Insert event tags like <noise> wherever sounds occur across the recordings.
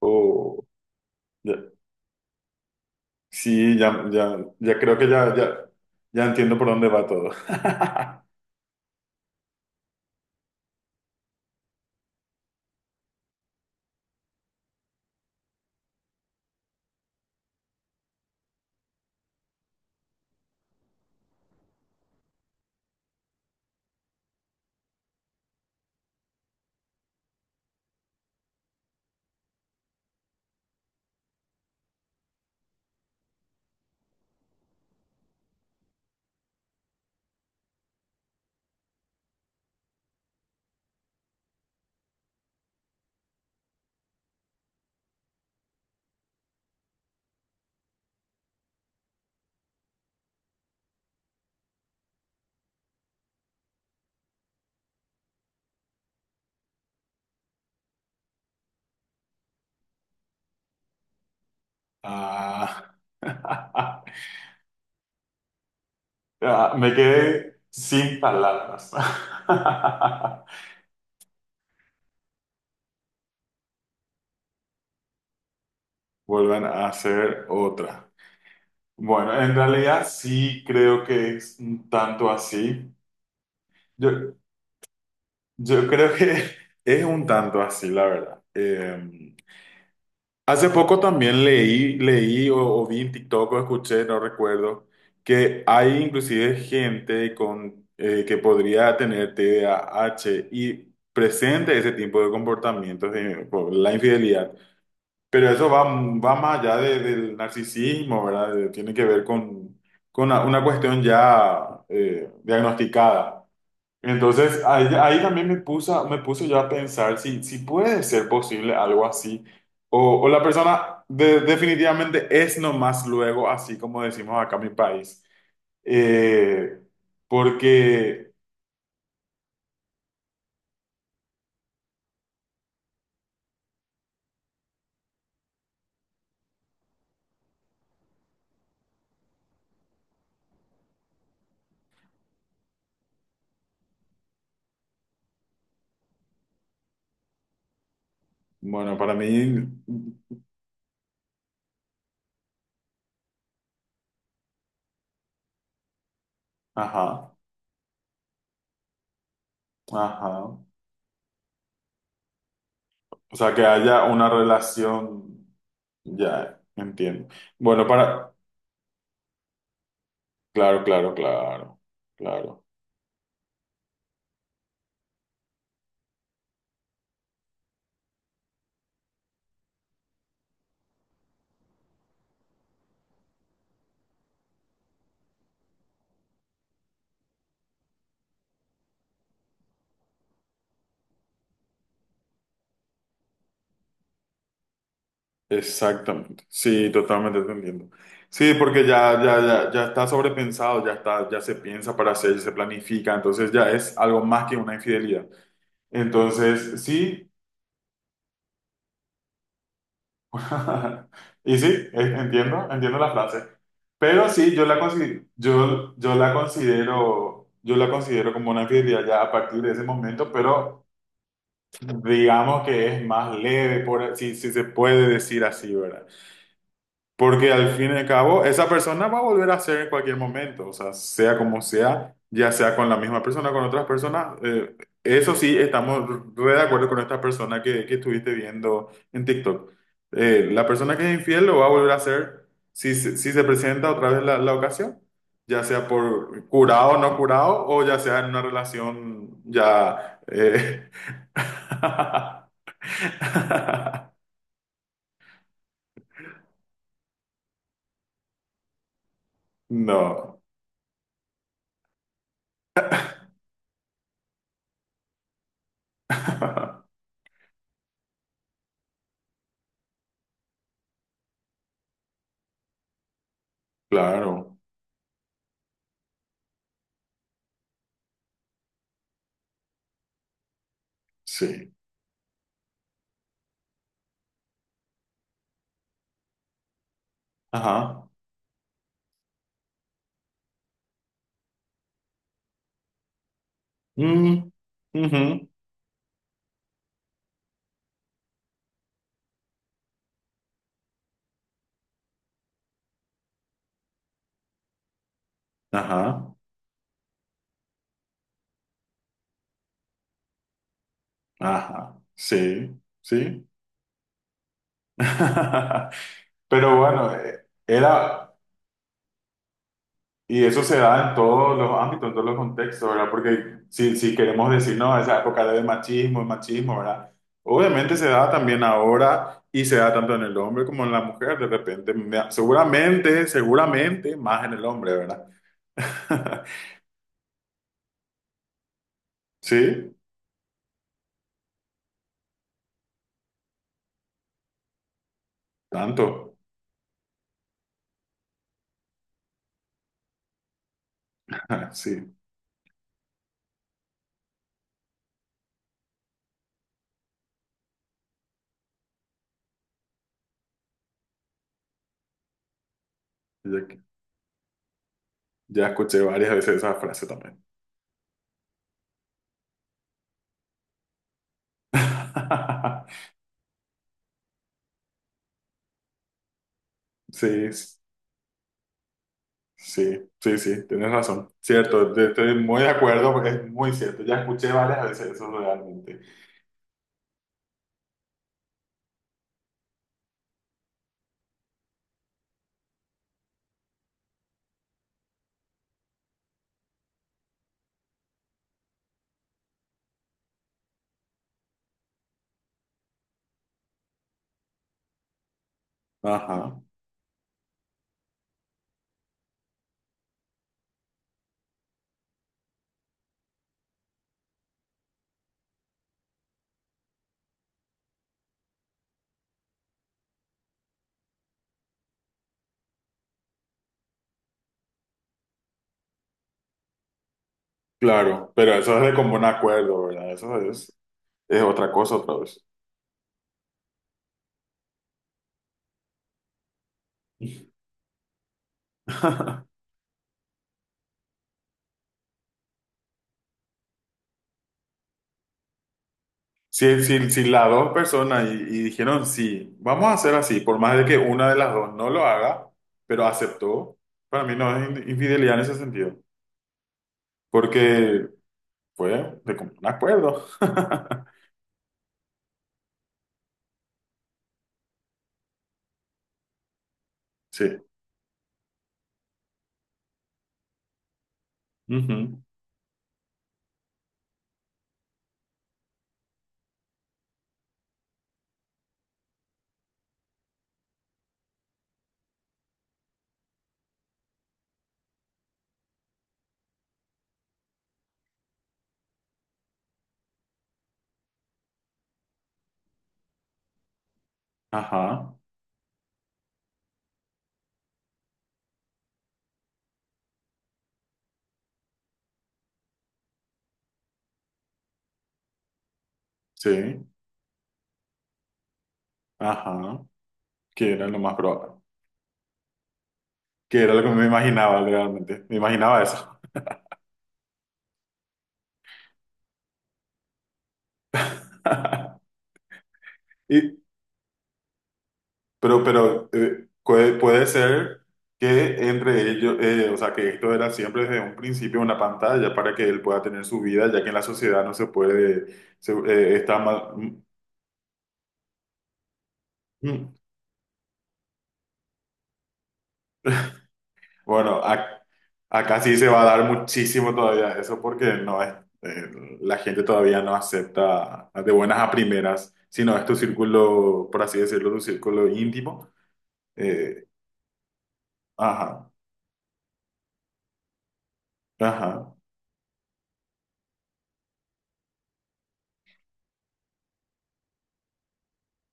Oh, ya- Sí, creo que ya entiendo por dónde va todo. <laughs> Ah, <laughs> ah, me quedé sin palabras. <laughs> Vuelvan a hacer otra. Bueno, en realidad sí creo que es un tanto así. Yo, yo creo que <laughs> es un tanto así, la verdad. Hace poco también leí o vi en TikTok o escuché, no recuerdo, que hay inclusive gente con, que podría tener TDAH y presente ese tipo de comportamientos por la infidelidad. Pero eso va más allá del narcisismo, ¿verdad? De- Tiene que ver con una cuestión ya diagnosticada. Entonces, ahí también me me puso yo a pensar si, si puede ser posible algo así, o la persona definitivamente es nomás luego, así como decimos acá en mi país. Eh, porque, bueno, para mí, ajá, ajá. O sea, que haya una relación, ya, entiendo. Bueno, para, claro, claro, claro, claro. Exactamente, sí, totalmente entendiendo. Sí, porque ya está sobrepensado, ya ya se piensa para hacer, ya se planifica, entonces ya es algo más que una infidelidad. Entonces, sí, <laughs> y sí, entiendo la frase. Pero sí, yo la considero como una infidelidad ya a partir de ese momento, pero digamos que es más leve, por, si, si se puede decir así, ¿verdad? Porque al fin y al cabo, esa persona va a volver a ser en cualquier momento, o sea, sea como sea, ya sea con la misma persona, con otras personas. Eso sí, estamos re de acuerdo con esta persona que estuviste viendo en TikTok. La persona que es infiel lo va a volver a hacer si, si se presenta otra vez la ocasión, ya sea por curado o no curado, o ya sea en una relación ya... <laughs> No. <laughs> Claro, sí. Ajá. Mm, ujú. Ajá. Ajá. Sí, sí. <laughs> Pero bueno, y eso se da en todos los ámbitos, en todos los contextos, ¿verdad? Porque si, si queremos decir, no, esa época era de machismo, el machismo, ¿verdad? Obviamente se da también ahora y se da tanto en el hombre como en la mujer, de repente, seguramente más en el hombre, ¿verdad? <laughs> Sí, tanto. <laughs> Sí. Ya escuché varias veces esa frase también. <laughs> Sí, sí, sí, tienes razón. Cierto, te- estoy muy de acuerdo, es muy cierto. Ya escuché varias veces eso realmente. Ajá, claro, pero eso es de común acuerdo, ¿verdad? Eso es otra cosa otra vez. <laughs> Si, si, si las dos personas y dijeron, sí, vamos a hacer así, por más de que una de las dos no lo haga, pero aceptó, para mí no es in- infidelidad en ese sentido. Porque fue de común acuerdo. <laughs> Sí. Ujú. Ajá. Sí. Ajá. Que era lo más probable. Que era lo que me imaginaba realmente. Me imaginaba eso. <laughs> Y, pero, puede ser que entre ellos, o sea, que esto era siempre desde un principio una pantalla para que él pueda tener su vida, ya que en la sociedad no se puede, está mal. Mm, bueno, acá sí se va a dar muchísimo todavía eso porque no es, eh, la gente todavía no acepta de buenas a primeras, sino no es tu círculo, por así decirlo, tu círculo íntimo. Eh, ajá, ajá,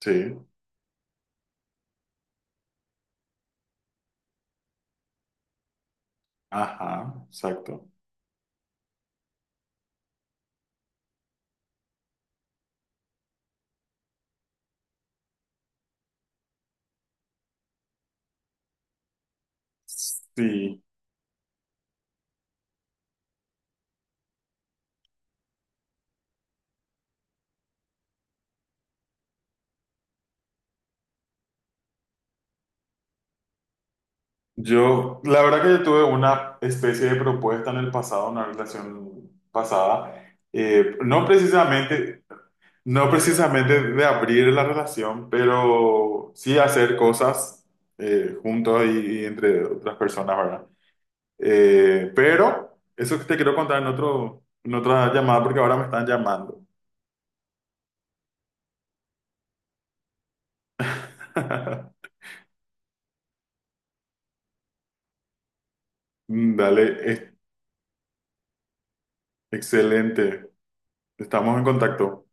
sí, ajá, exacto. Sí, la verdad que yo tuve una especie de propuesta en el pasado, una relación pasada, eh, no precisamente No precisamente de abrir la relación, pero sí hacer cosas juntos y entre otras personas, ¿verdad? Pero eso que te quiero contar en en otra llamada porque ahora me están llamando. <laughs> Mm, dale, es- excelente. Estamos en contacto.